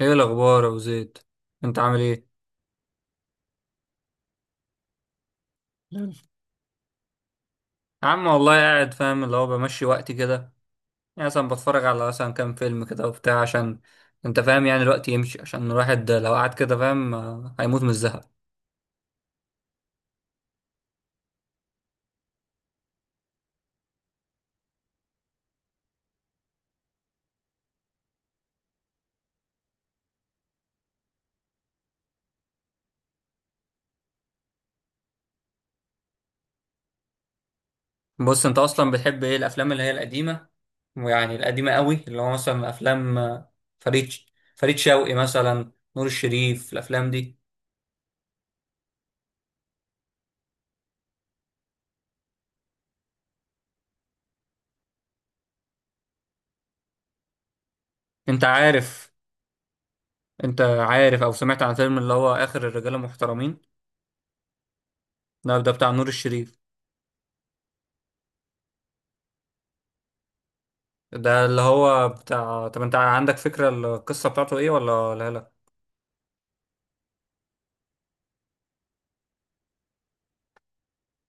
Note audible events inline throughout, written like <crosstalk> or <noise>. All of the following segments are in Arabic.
ايه الاخبار يا ابو زيد؟ انت عامل ايه؟ لول. يا عم والله قاعد فاهم اللي هو بمشي وقتي كده. يعني مثلا بتفرج على مثلا كام فيلم كده وبتاع، عشان انت فاهم يعني الوقت يمشي، عشان الواحد لو قعد كده فاهم هيموت من الزهق. بص، انت اصلا بتحب ايه؟ الافلام اللي هي القديمه، ويعني القديمه قوي اللي هو مثلا افلام فريد شوقي مثلا، نور الشريف، الافلام دي. انت عارف، انت عارف او سمعت عن فيلم اللي هو اخر الرجاله المحترمين؟ ده ده بتاع نور الشريف. ده اللي هو بتاع، طب انت عندك فكرة القصة بتاعته ايه ولا لا لا؟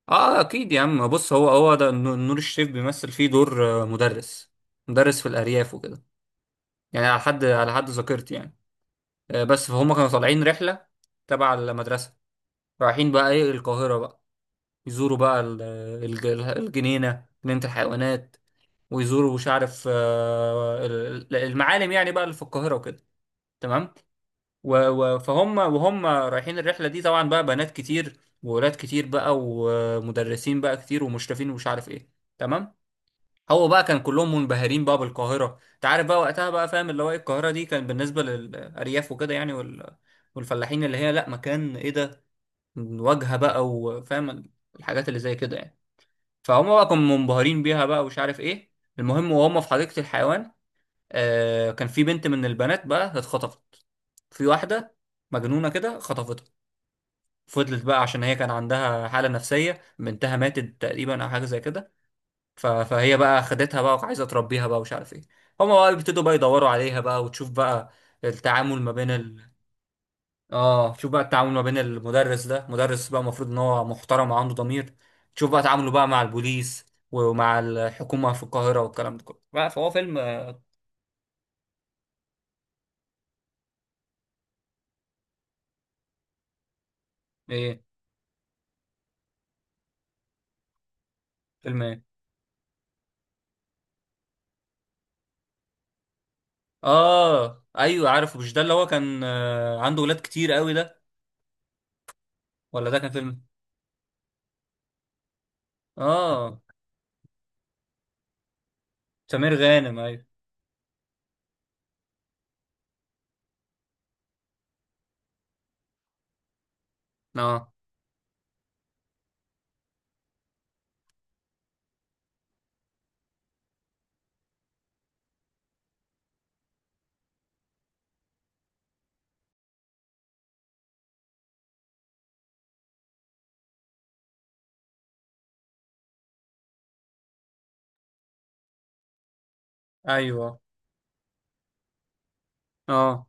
اه اكيد يا عم. بص، هو هو ده نور الشريف بيمثل فيه دور مدرس، مدرس في الارياف وكده، يعني على حد ذاكرتي يعني. بس فهم كانوا طالعين رحلة تبع المدرسة، رايحين بقى ايه القاهرة بقى، يزوروا بقى الجنينة، جنينة الحيوانات، ويزوروا مش عارف المعالم يعني بقى اللي في القاهرة وكده، تمام. فهم وهم رايحين الرحلة دي طبعا بقى بنات كتير وولاد كتير بقى، ومدرسين بقى كتير ومشرفين ومش عارف ايه، تمام. هو بقى كان كلهم منبهرين بقى بالقاهرة، انت عارف بقى وقتها بقى فاهم اللي هو ايه القاهرة دي، كان بالنسبة للأرياف وكده يعني، والفلاحين اللي هي لا، مكان ايه ده؟ واجهة بقى وفاهم الحاجات اللي زي كده يعني. فهم بقى كانوا منبهرين بيها بقى ومش عارف ايه. المهم وهم في حديقة الحيوان آه، كان في بنت من البنات بقى اتخطفت، في واحدة مجنونة كده خطفتها. فضلت بقى، عشان هي كان عندها حالة نفسية، بنتها ماتت تقريبا أو حاجة زي كده، فهي بقى خدتها بقى وعايزة تربيها بقى ومش عارف ايه. هما بقى بيبتدوا بقى يدوروا عليها بقى، وتشوف بقى التعامل ما بين اه، شوف بقى التعامل ما بين المدرس ده، مدرس بقى المفروض ان هو محترم وعنده ضمير، تشوف بقى تعامله بقى مع البوليس ومع الحكومة في القاهرة والكلام ده كله، بقى فهو فيلم. ايه، فيلم ايه؟ اه ايوه عارفه. مش ده اللي هو كان عنده ولاد كتير قوي ده؟ ولا ده كان فيلم؟ اه سمير غانم، ايوه. اه ايوه. اه.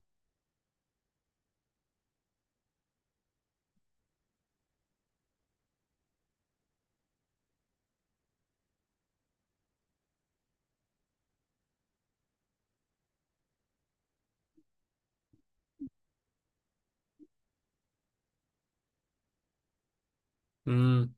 امم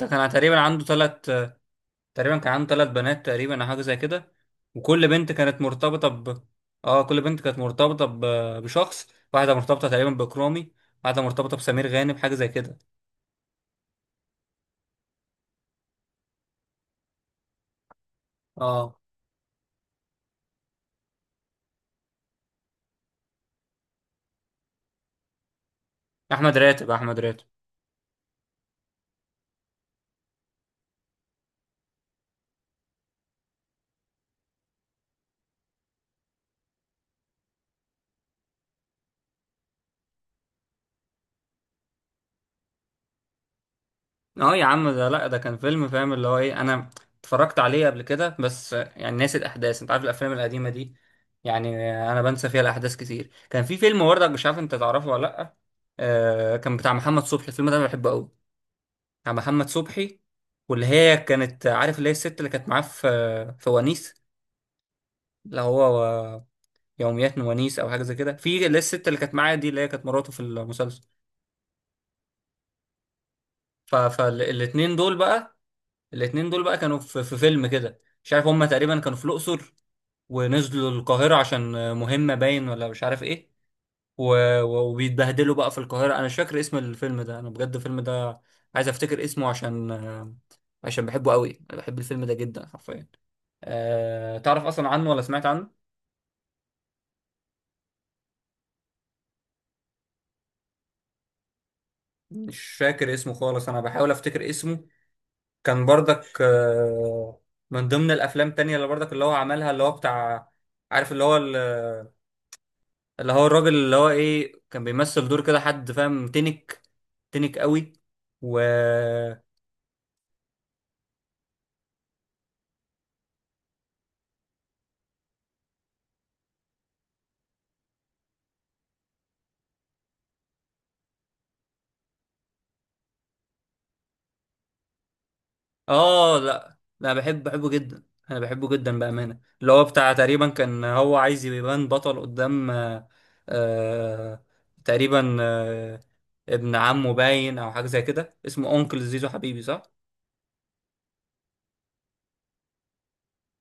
ده كان تقريبا عنده ثلاث، تقريبا كان عنده ثلاث بنات تقريبا او حاجه زي كده، وكل بنت كانت مرتبطه ب، اه كل بنت كانت مرتبطه ب... بشخص. واحده مرتبطه تقريبا بكرامي، واحده مرتبطه بسمير غانم حاجه زي كده. اه، احمد راتب، احمد راتب. اه يا عم، ده لا ده كان فيلم فاهم اللي هو ايه، انا اتفرجت عليه قبل كده، بس يعني ناسي الاحداث، انت عارف الافلام القديمه دي يعني، انا بنسى فيها الاحداث كتير. كان في فيلم وردك، مش عارف انت تعرفه ولا لا؟ آه كان بتاع محمد صبحي، الفيلم ده انا بحبه قوي، بتاع محمد صبحي، واللي هي كانت عارف اللي هي الست اللي كانت معاه في في ونيس، اللي هو، و- يوميات ونيس او حاجه زي كده، في اللي هي الست اللي كانت معاه دي، اللي هي كانت مراته في المسلسل. فالاتنين دول بقى، الاتنين دول بقى كانوا في، في فيلم كده مش عارف، هما تقريبا كانوا في الأقصر ونزلوا القاهرة عشان مهمة باين ولا مش عارف ايه، و... وبيتبهدلوا بقى في القاهرة. انا مش فاكر اسم الفيلم ده، انا بجد الفيلم ده عايز افتكر اسمه عشان عشان بحبه قوي، انا بحب الفيلم ده جدا حرفيا. تعرف اصلا عنه ولا سمعت عنه؟ مش فاكر اسمه خالص، انا بحاول افتكر اسمه، كان برضك من ضمن الافلام التانية اللي برضك اللي هو عملها، اللي هو بتاع، عارف اللي هو، اللي هو الراجل اللي هو ايه، كان بيمثل دور كده حد فاهم تنك، تنك قوي. و، اه لا لا، بحب بحبه جدا، انا بحبه جدا بأمانة، اللي هو بتاع تقريبا كان هو عايز يبان بطل قدام آه... تقريبا ابن عمه باين او حاجة زي كده، اسمه اونكل زيزو حبيبي، صح.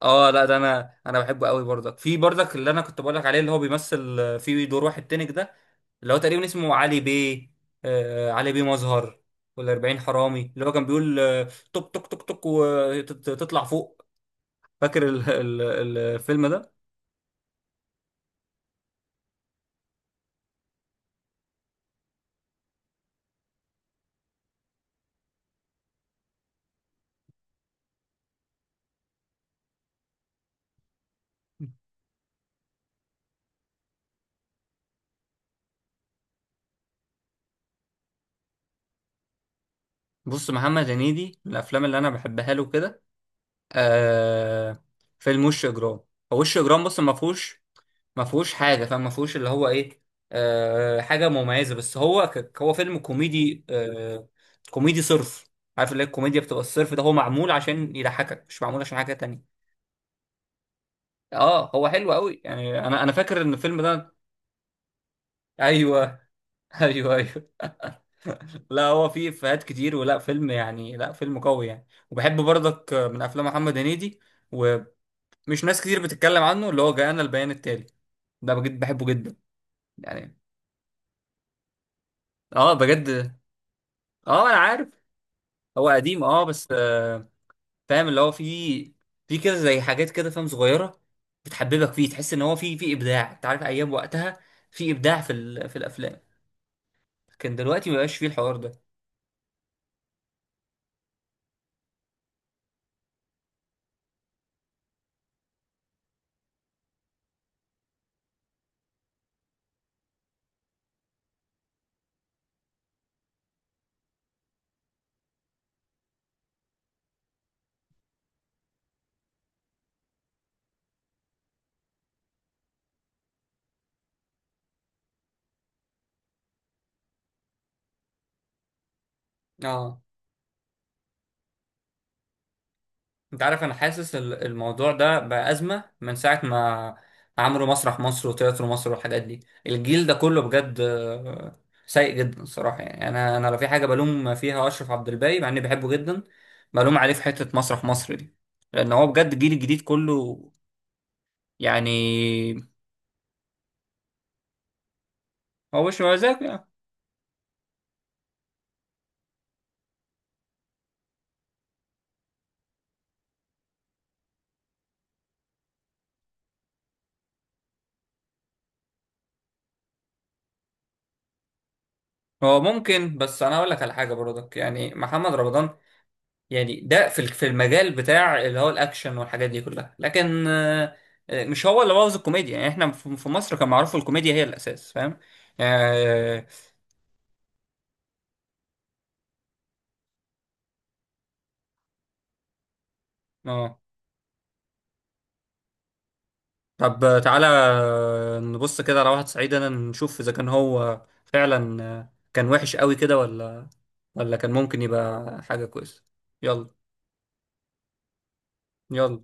اه لا ده، انا بحبه قوي برضك، في برضك اللي انا كنت بقولك عليه، اللي هو بيمثل في دور واحد تنك ده، اللي هو تقريبا اسمه علي بيه، آه علي بيه مظهر والأربعين حرامي، اللي هو كان بيقول توك توك توك توك وتطلع فوق. فاكر الفيلم ده؟ بص، محمد هنيدي من الافلام اللي انا بحبها له كده آه، فيلم وش اجرام. هو وش اجرام، بص ما فيهوش، حاجه، فما فيهوش اللي هو ايه، آه حاجه مميزه، بس هو هو فيلم كوميدي آه، كوميدي صرف، عارف اللي هي الكوميديا بتبقى الصرف، ده هو معمول عشان يضحكك مش معمول عشان حاجه تانية. اه هو حلو قوي يعني، انا فاكر ان الفيلم ده ايوه ايوه ايوه. <laughs> لا هو فيه افيهات كتير، ولا فيلم يعني، لا فيلم قوي يعني، وبحب برضك من افلام محمد هنيدي ومش، ناس كتير بتتكلم عنه، اللي هو جاءنا البيان التالي، ده بجد بحبه جدا يعني. اه بجد، اه انا عارف، هو قديم اه، بس آه، فاهم اللي هو فيه، فيه كده زي حاجات كده فاهم، صغيرة بتحببك فيه، تحس ان هو فيه ابداع، انت عارف ايام وقتها فيه ابداع في في الافلام، كان دلوقتي مبقاش فيه الحوار ده. اه، انت عارف انا حاسس الموضوع ده بقى ازمه من ساعه ما عملوا مسرح مصر وتياترو مصر والحاجات دي، الجيل ده كله بجد سيء جدا الصراحه يعني. انا لو في حاجه بلوم فيها اشرف عبد الباقي مع اني بحبه جدا، بلوم عليه في حته مسرح مصر دي، لان هو بجد الجيل الجديد كله يعني. هو مش مزاج يعني. هو ممكن، بس انا اقول لك على حاجه برضك، يعني محمد رمضان يعني ده في المجال بتاع اللي هو الاكشن والحاجات دي كلها، لكن مش هو اللي بوظ الكوميديا، يعني احنا في مصر كان معروف الكوميديا هي الاساس فاهم يعني. اه، طب تعالى نبص كده على واحد صعيدي انا، نشوف اذا كان هو فعلا كان وحش قوي كده، ولا كان ممكن يبقى حاجة كويسة. يلا، يلا.